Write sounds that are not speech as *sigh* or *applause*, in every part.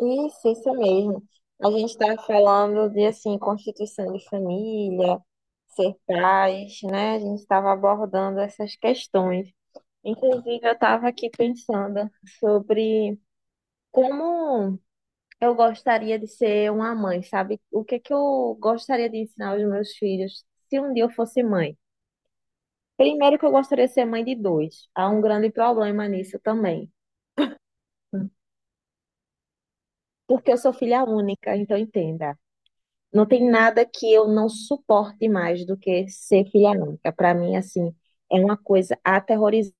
Isso mesmo. A gente está falando de assim, constituição de família, ser pais, né? A gente estava abordando essas questões. Inclusive, eu estava aqui pensando sobre como eu gostaria de ser uma mãe, sabe? O que é que eu gostaria de ensinar aos meus filhos se um dia eu fosse mãe? Primeiro que eu gostaria de ser mãe de dois. Há um grande problema nisso também, porque eu sou filha única, então entenda. Não tem nada que eu não suporte mais do que ser filha única. Para mim, assim, é uma coisa aterrorizante.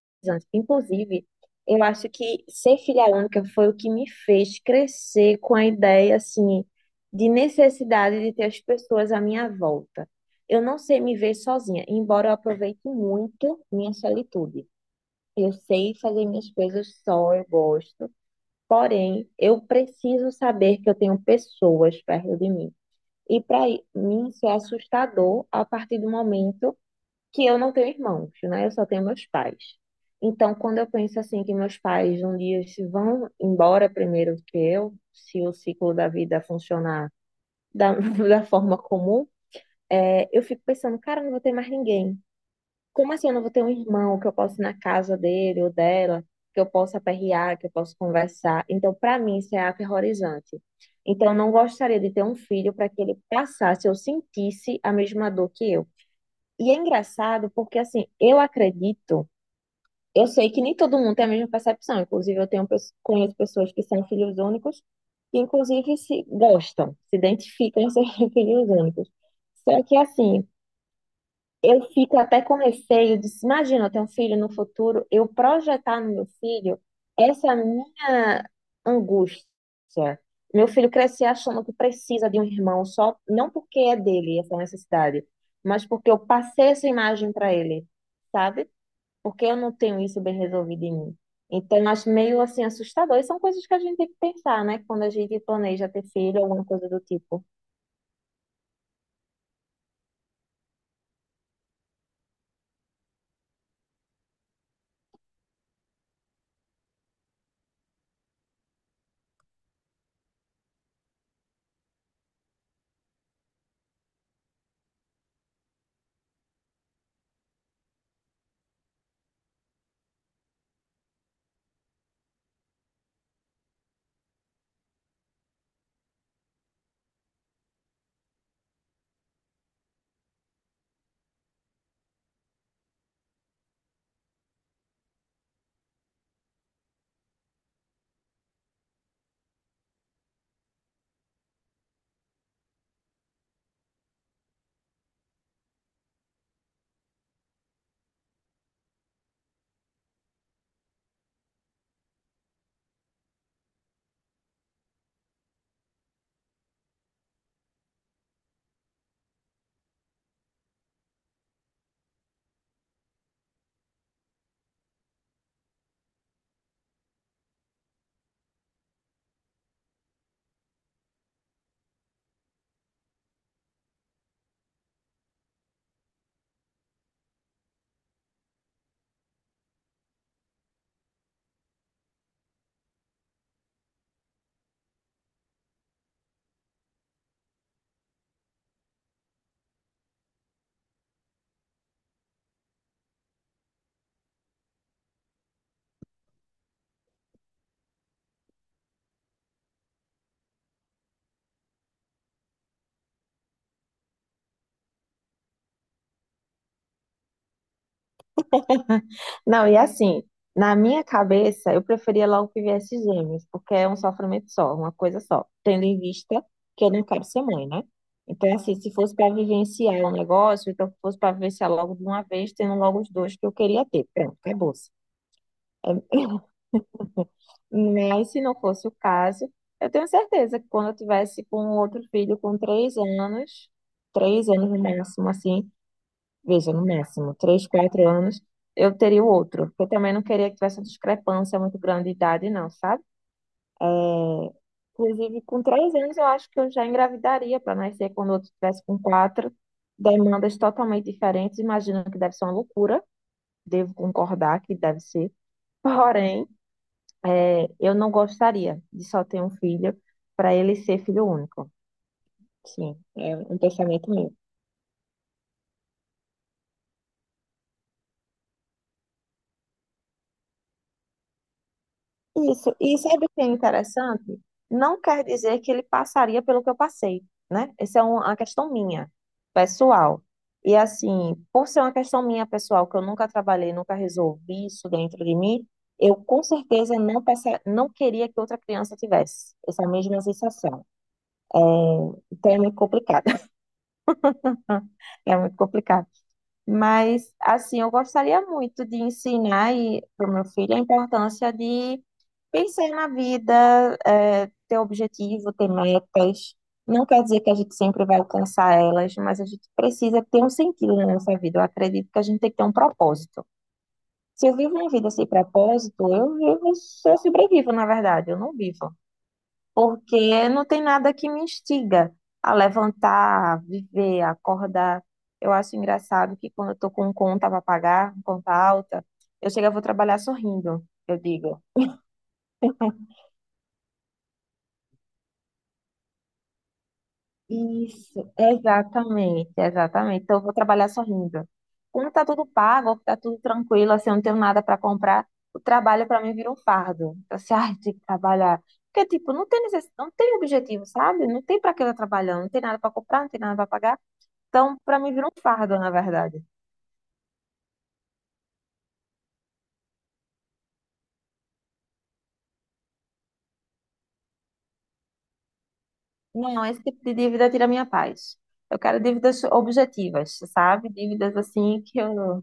Inclusive, eu acho que ser filha única foi o que me fez crescer com a ideia, assim, de necessidade de ter as pessoas à minha volta. Eu não sei me ver sozinha, embora eu aproveite muito minha solitude. Eu sei fazer minhas coisas só, eu gosto. Porém, eu preciso saber que eu tenho pessoas perto de mim e para mim isso é assustador a partir do momento que eu não tenho irmãos, né? Eu só tenho meus pais. Então, quando eu penso assim que meus pais um dia se vão embora primeiro que eu, se o ciclo da vida funcionar da, *laughs* da forma comum, é, eu fico pensando, cara, eu não vou ter mais ninguém. Como assim eu não vou ter um irmão que eu possa ir na casa dele ou dela, que eu possa aperrear, que eu possa conversar? Então, para mim, isso é aterrorizante. Então, eu não gostaria de ter um filho para que ele passasse ou sentisse a mesma dor que eu. E é engraçado porque, assim, eu acredito, eu sei que nem todo mundo tem a mesma percepção. Inclusive, eu tenho, conheço pessoas que são filhos únicos e, inclusive, se gostam, se identificam em ser *laughs* filhos únicos. Só que, assim, eu fico até com receio de, imagina, eu ter um filho no futuro, eu projetar no meu filho essa minha angústia. Meu filho crescer achando que precisa de um irmão só, não porque é dele essa necessidade, mas porque eu passei essa imagem para ele, sabe? Porque eu não tenho isso bem resolvido em mim. Então, eu acho meio assim assustador. E são coisas que a gente tem que pensar, né? Quando a gente planeja ter filho, alguma coisa do tipo. Não, e assim, na minha cabeça, eu preferia logo que viesse gêmeos, porque é um sofrimento só, uma coisa só, tendo em vista que eu não quero ser mãe, né? Então, assim, se fosse para vivenciar um negócio, então que fosse para vivenciar logo de uma vez, tendo logo os dois que eu queria ter. Pronto, acabou-se. Mas se não fosse o caso, eu tenho certeza que quando eu tivesse com outro filho com três anos no máximo, assim, veja, no máximo, três, quatro anos, eu teria o outro. Porque eu também não queria que tivesse uma discrepância muito grande de idade, não, sabe? Inclusive, com três anos, eu acho que eu já engravidaria para nascer quando o outro tivesse com quatro. Demandas totalmente diferentes, imagino que deve ser uma loucura, devo concordar que deve ser. Porém, é, eu não gostaria de só ter um filho para ele ser filho único. Sim, é um pensamento meu. Isso, e sabe o que é interessante? Não quer dizer que ele passaria pelo que eu passei, né? Essa é uma questão minha, pessoal. E assim, por ser uma questão minha pessoal, que eu nunca trabalhei, nunca resolvi isso dentro de mim, eu com certeza não passa, não queria que outra criança tivesse essa mesma sensação. Então é muito complicado. *laughs* É muito complicado. Mas, assim, eu gostaria muito de ensinar para o meu filho a importância de pensar na vida, é, ter objetivo, ter metas. Não quer dizer que a gente sempre vai alcançar elas, mas a gente precisa ter um sentido na nossa vida. Eu acredito que a gente tem que ter um propósito. Se eu vivo minha vida sem propósito, eu vivo, eu sobrevivo, na verdade, eu não vivo porque não tem nada que me instiga a levantar, a viver, a acordar. Eu acho engraçado que quando eu tô com um conta para pagar, um conta alta, eu chego, eu vou trabalhar sorrindo, eu digo. Isso, exatamente, exatamente. Então, eu vou trabalhar sorrindo. Quando tá tudo pago, tá tudo tranquilo, assim, eu não tenho nada para comprar, o trabalho para mim vira um fardo. Então, assim, *laughs* ai, tem que trabalhar. Porque, tipo, não tem objetivo, sabe? Não tem para que eu tô trabalhando, não tem nada para comprar, não tem nada para pagar. Então, para mim, vira um fardo, na verdade. Não, esse tipo de dívida tira minha paz. Eu quero dívidas objetivas, sabe? Dívidas assim que eu.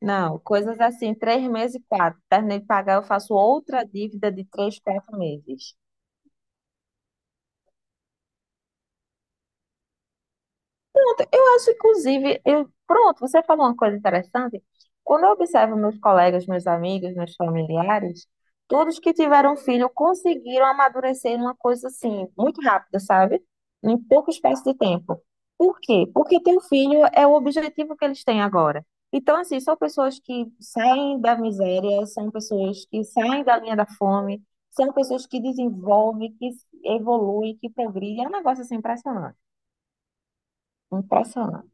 Não, coisas assim, três meses e quatro. Terminei de pagar, eu faço outra dívida de três, quatro meses. Pronto, eu acho, inclusive, eu, pronto, você falou uma coisa interessante. Quando eu observo meus colegas, meus amigos, meus familiares, todos que tiveram um filho conseguiram amadurecer numa coisa assim, muito rápida, sabe? Em pouco espaço de tempo. Por quê? Porque ter um filho é o objetivo que eles têm agora. Então, assim, são pessoas que saem da miséria, são pessoas que saem da linha da fome, são pessoas que desenvolvem, que evoluem, que progridem. É um negócio assim impressionante. Impressionante.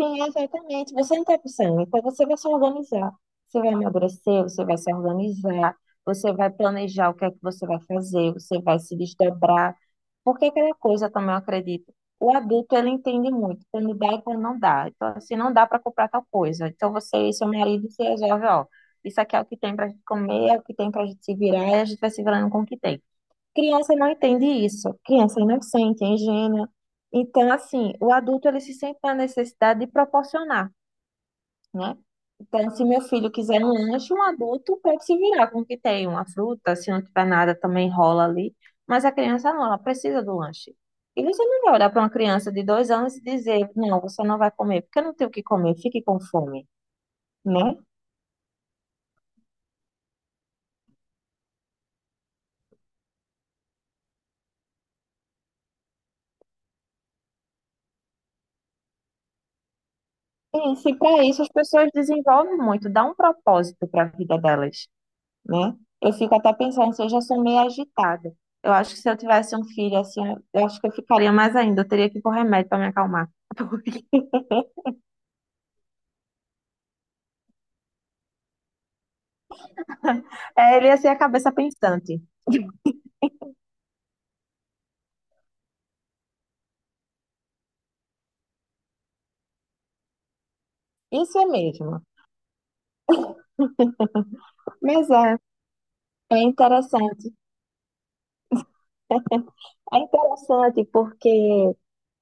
Sim, exatamente. Você não tem opção. Então você vai se organizar. Você vai emagrecer, você vai se organizar, você vai planejar o que é que você vai fazer, você vai se desdobrar. Porque aquela coisa também eu acredito. O adulto ele entende muito quando dá e quando não dá. Então, assim, não dá para comprar tal coisa. Então você e seu marido se resolve, ó. Isso aqui é o que tem para a gente comer, é o que tem para a gente se virar, e a gente vai se virando com o que tem. Criança não entende isso. Criança é inocente, é ingênua. Então, assim, o adulto ele se sente na necessidade de proporcionar, né? Então, se meu filho quiser um lanche, um adulto pode se virar com o que tem, uma fruta, se não tiver nada, também rola ali. Mas a criança não, ela precisa do lanche. E você não vai olhar para uma criança de dois anos e dizer, não, você não vai comer, porque eu não tenho o que comer, fique com fome, né? E se para isso as pessoas desenvolvem muito, dá um propósito para a vida delas. Né? Eu fico até pensando se eu já sou meio agitada. Eu acho que se eu tivesse um filho assim, eu acho que eu ficaria mais ainda. Eu teria que ir com remédio para me acalmar. É, ele ia ser a cabeça pensante. Isso é mesmo. Mas é, é interessante. É interessante porque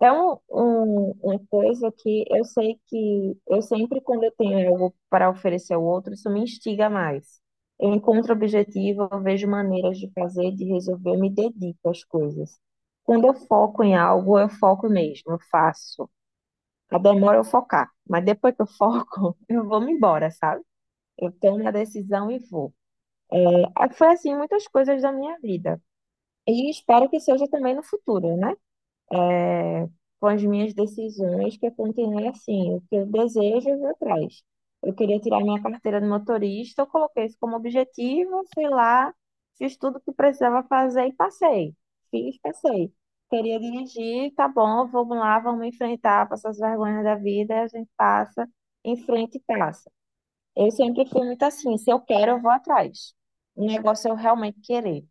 é uma coisa que eu sei que eu sempre, quando eu tenho algo para oferecer ao outro, isso me instiga mais. Eu encontro objetivo, eu vejo maneiras de fazer, de resolver, eu me dedico às coisas. Quando eu foco em algo, eu foco mesmo, eu faço. A demora é eu focar, mas depois que eu foco, *laughs* eu vou me embora, sabe? Eu tomo a decisão e vou. É, foi assim muitas coisas da minha vida. E espero que seja também no futuro, né? é, com as minhas decisões, que eu continuei assim, o que eu desejo, eu vou atrás. Eu queria tirar minha carteira de motorista, eu coloquei isso como objetivo, fui lá, fiz tudo o que precisava fazer e passei. Fiz, passei. Queria dirigir, tá bom, vamos lá, vamos enfrentar, passar as vergonhas da vida, a gente passa, enfrenta e passa. Eu sempre fui muito assim, se eu quero, eu vou atrás. O negócio é eu realmente querer.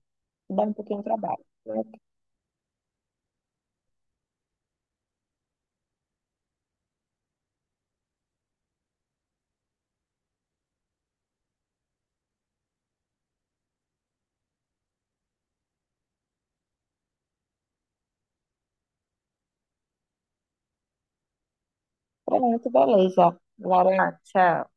Dá um pouquinho de trabalho. Pronto, beleza. Laura, tchau.